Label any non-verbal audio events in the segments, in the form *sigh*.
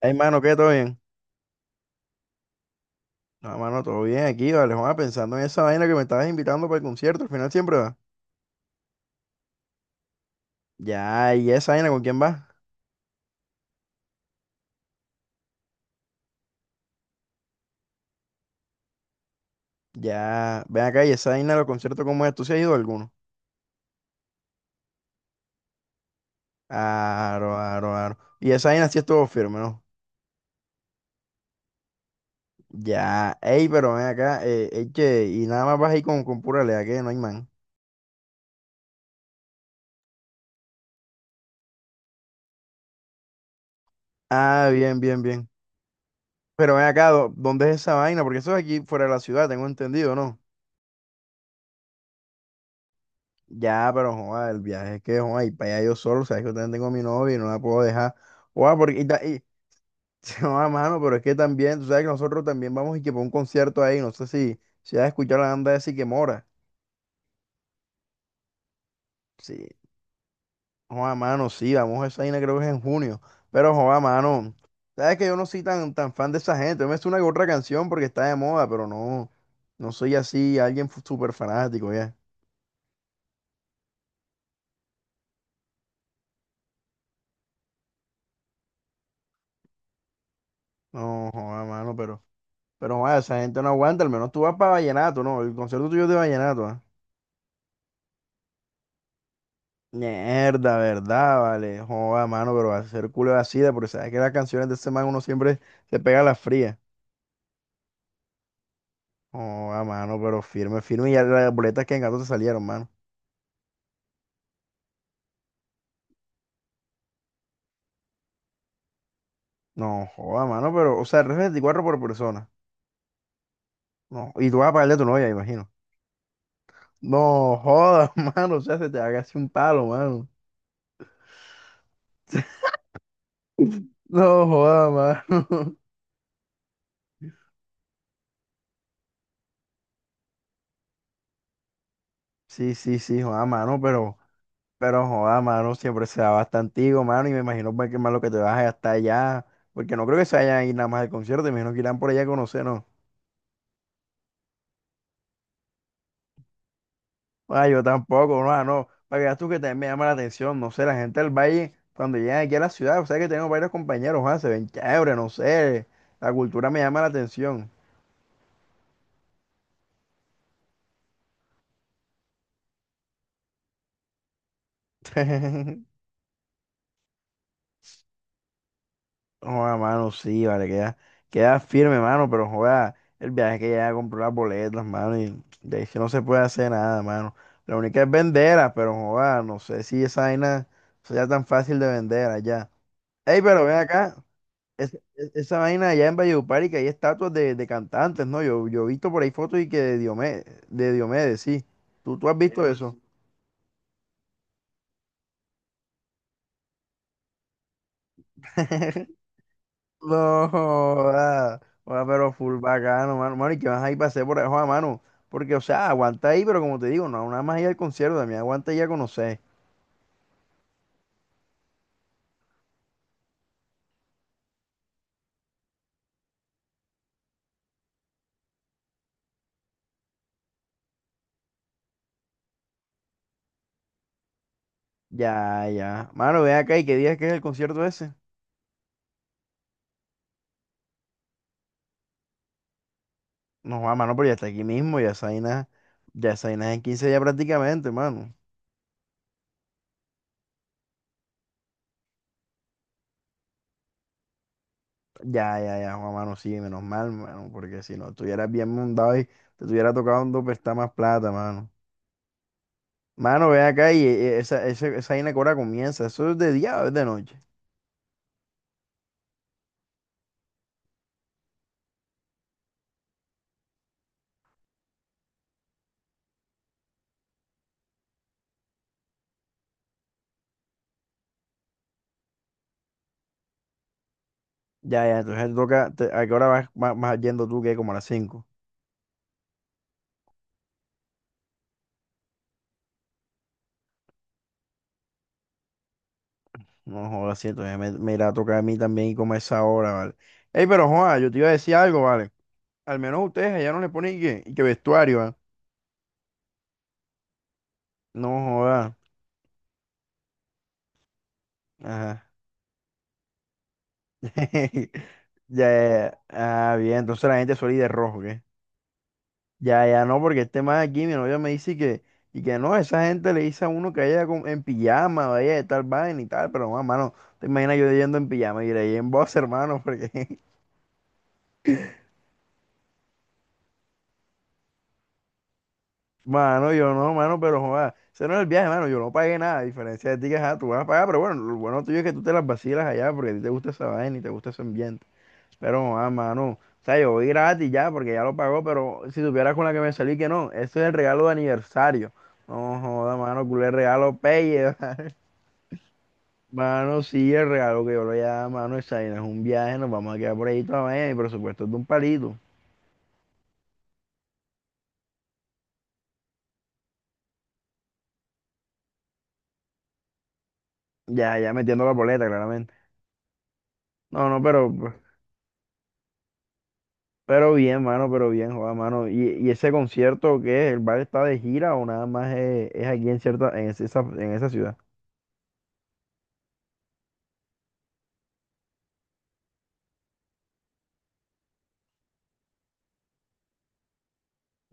Ay, mano, ¿qué? ¿Todo bien? No, mano, todo bien aquí, vale, Juan, pensando en esa vaina que me estabas invitando para el concierto, al final siempre va. Ya, ¿y esa vaina con quién va? Ya, ven acá, ¿y esa vaina de los conciertos cómo es? ¿Tú sí has ido a alguno? Aro, aro, aro. Y esa vaina sí estuvo firme, ¿no? Ya, ey, pero ven acá, ey, che, y nada más vas ahí con pura lea, que no hay man. Ah, bien, bien, bien. Pero ven acá, ¿dónde es esa vaina? Porque eso es aquí fuera de la ciudad, tengo entendido, ¿no? Ya, pero joda, el viaje es que joda, y para allá yo solo, sabes que yo también tengo a mi novia y no la puedo dejar. Joda, porque y *laughs* joda, mano, pero es que también, tú sabes que nosotros también vamos y que para un concierto ahí, no sé si has escuchado la banda de Siquemora. Sí, joda, mano, sí, vamos a esa vaina creo que es en junio. Pero joda, mano, sabes que yo no soy tan fan de esa gente. Yo me sé una que otra canción porque está de moda, pero no, no soy así alguien súper fanático ya. No, joda, mano, pero. Pero vaya, esa gente no aguanta, al menos tú vas para Vallenato, ¿no? El concierto tuyo es de Vallenato, ¿ah? Mierda, ¿verdad? Vale, joda, mano, pero va a ser culo de asida, porque sabes que las canciones de ese man uno siempre se pega las frías. Joda, mano, pero firme, firme, y ya las boletas que en gato te salieron, mano. No, joda, mano, pero, o sea, es 24 por persona. No, y tú vas a pagarle a tu novia, imagino. No, joda, *laughs* mano, o sea, se te haga así un palo, mano. No, joda, mano. *laughs* Sí, sí, sí, joda, mano, pero… Pero joda, mano, siempre se da bastante, antiguo, mano, y me imagino pues, que más lo que te vas a gastar allá, porque no creo que se vayan a ir nada más al concierto, me imagino que irán por allá a conocer, no. Ah, yo tampoco, no, ah, no, para que veas tú que también me llama la atención, no sé, la gente del valle, cuando llegan aquí a la ciudad, o sea que tengo varios compañeros, ah, se ven chévere, no sé, la cultura me llama la atención. *laughs* Joda, mano, sí, vale, queda firme, mano, pero joda, el viaje es que ya compró las boletas, mano, y de hecho no se puede hacer nada, mano. La única es venderlas, pero joda, no sé si esa vaina sea tan fácil de vender allá. Ey, pero ven acá, esa vaina allá en Valledupar y que hay estatuas de cantantes, ¿no? Yo he visto por ahí fotos y que de Diomedes, sí. ¿¿Tú has visto eso? *laughs* No, joda. Joda, pero full bacano, mano. Mano, y que vas ahí pasé por abajo a mano. Porque, o sea, aguanta ahí, pero como te digo, no, nada más ir al concierto, también aguanta ya a conocer. Ya, ya. Mano, ven acá y qué día es que es el concierto ese. No, joda, mano, pero ya está aquí mismo, ya esa vaina es en 15 ya prácticamente, mano. Ya, ya, ya, Juan, mano, sí, menos mal, mano, porque si no estuvieras bien mundado y te tuviera tocado un dopestar más plata, mano. Mano, ven acá y esa, esa vaina que ahora comienza, ¿eso es de día o es de noche? Ya, ya, entonces te toca, ¿a qué hora vas yendo tú que como a las cinco. No, jodas, sí, entonces me irá a tocar a mí también y como a esa hora, ¿vale? Ey, pero joda, yo te iba a decir algo, ¿vale? Al menos ustedes allá no le ponen y que vestuario, ¿ah? No, joda. Ajá. *laughs* Ya, ya, ya. Ah, bien, entonces la gente suele ir de rojo, ¿qué? Ya, ya, no, porque este más aquí, mi novia me dice que, y que no, esa gente le dice a uno que vaya en pijama, vaya de tal vaina y tal, pero, no, mano, te imaginas yo yendo en pijama y iré en voz, hermano, *laughs* porque… Mano, yo no, mano, pero joda, ese no es el viaje, mano, yo no pagué nada, a diferencia de ti que ajá, tú vas a pagar, pero bueno, lo bueno tuyo es que tú te las vacilas allá porque a ti te gusta esa vaina y te gusta ese ambiente. Pero joda, mano, o sea, yo voy gratis ya porque ya lo pagó, pero si supieras con la que me salí que no, eso es el regalo de aniversario. No joda, mano, culé regalo pelle. *laughs* Mano, sí, el regalo que yo le voy a dar, mano, esa vaina es un viaje, nos vamos a quedar por ahí toda la vaina y por supuesto es de un palito. Ya, ya metiendo la boleta, claramente. No, no, pero bien, mano, pero bien, joda, mano. Y ese concierto qué es? ¿El bar está de gira o nada más es aquí en cierta, en esa ciudad?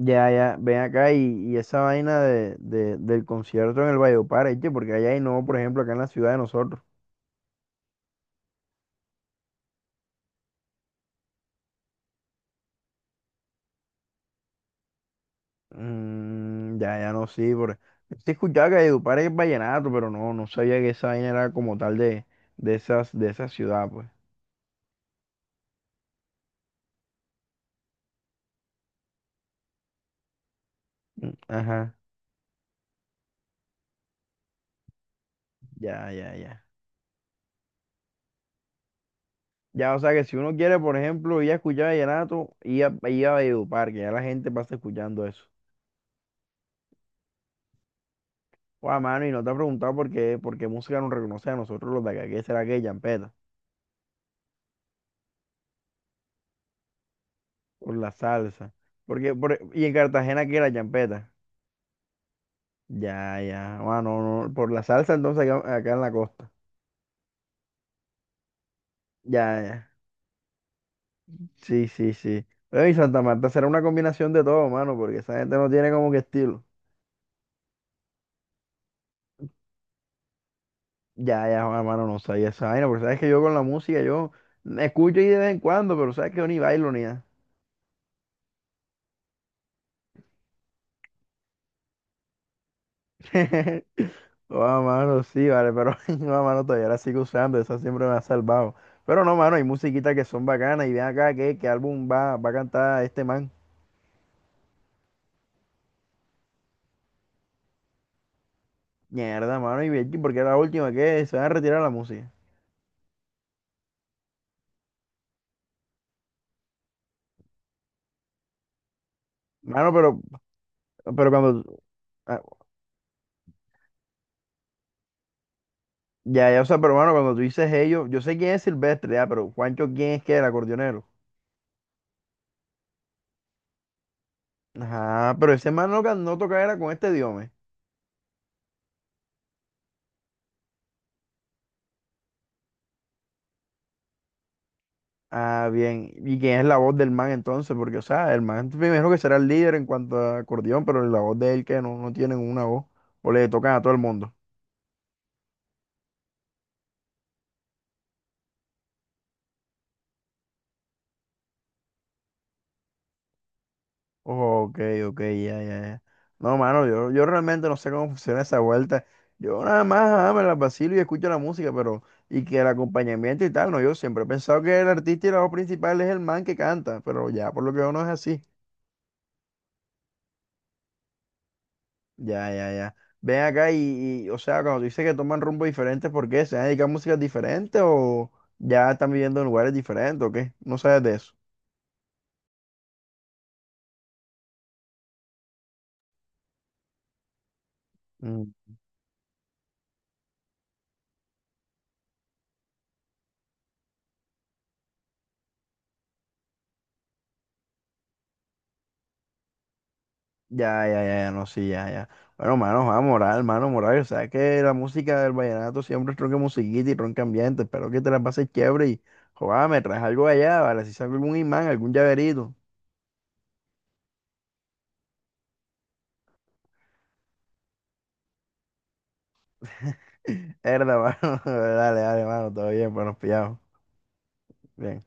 Ya, ya, ven acá y esa vaina de, del concierto en el Valledupar, ¿eh? Porque allá hay no, por ejemplo, acá en la ciudad de nosotros. Mm, ya, ya no, sí, por… Sí escuchaba que Valledupar es vallenato, pero no, no sabía que esa vaina era como tal de esas, de esa ciudad, pues. Mm, ajá, ya, ya, ya. Ya, o sea que si uno quiere, por ejemplo, ir a escuchar vallenato, ir a Valledupar, que ya la gente pasa escuchando eso. Guau, mano, y no te ha preguntado por qué música nos reconoce a nosotros los de acá, ¿qué será que champeta? Por la salsa. Porque, por, y en Cartagena, ¿qué era champeta? Ya, ya, bueno, no, no, por la salsa entonces acá, acá en la costa. Ya, ya. Sí, sí, sí. Pero y Santa Marta será una combinación de todo, mano, porque esa gente no tiene como que estilo. Ya, ya, Juan, hermano, no sabía esa vaina, porque sabes que yo con la música, yo me escucho ahí de vez en cuando, pero sabes que yo ni bailo ni nada. *laughs* Joda, mano, sí, vale, pero *laughs* no, mano, todavía la sigo usando, esa siempre me ha salvado. Pero no, mano, hay musiquitas que son bacanas, y ven acá, ¿qué álbum va a cantar este man? Mierda, mano, y bien, porque es la última que se van a retirar la música. Mano, pero cuando, ah, ya, ya, o sea, pero, mano, cuando tú dices ellos, yo sé quién es Silvestre, ya, pero Juancho, ¿quién es que el acordeonero? Ajá, pero ese man no ganó tocar era con este diome. Ah, bien. ¿Y quién es la voz del man entonces? Porque, o sea, el man primero que será el líder en cuanto a acordeón, pero la voz de él que no, no tienen una voz. O le tocan a todo el mundo. Ok, ok, ya, ya, ya. No, mano, yo realmente no sé cómo funciona esa vuelta. Yo nada más me la vacilo y escucho la música, pero, y que el acompañamiento y tal, no, yo siempre he pensado que el artista y la voz principal es el man que canta, pero ya, por lo que veo no es así. Ya, ya, ya. Ven acá o sea, cuando tú dices que toman rumbo diferente, ¿por qué? ¿Se han dedicado a músicas diferentes o ya están viviendo en lugares diferentes o qué? No sabes de eso. Mm. Ya, ya, ya, ya, no, sí, ya, ya. Bueno, mano, va, moral, mano, moral. O sea, que la música del vallenato siempre es tronca musiquita y tronca ambiente. Espero que te la pases chévere y, joder, me traes algo allá, ¿vale? Si saco algún imán, algún llaverito. *laughs* Herda, mano. *laughs* Dale, dale, mano, todo bien, bueno, pillado. Bien.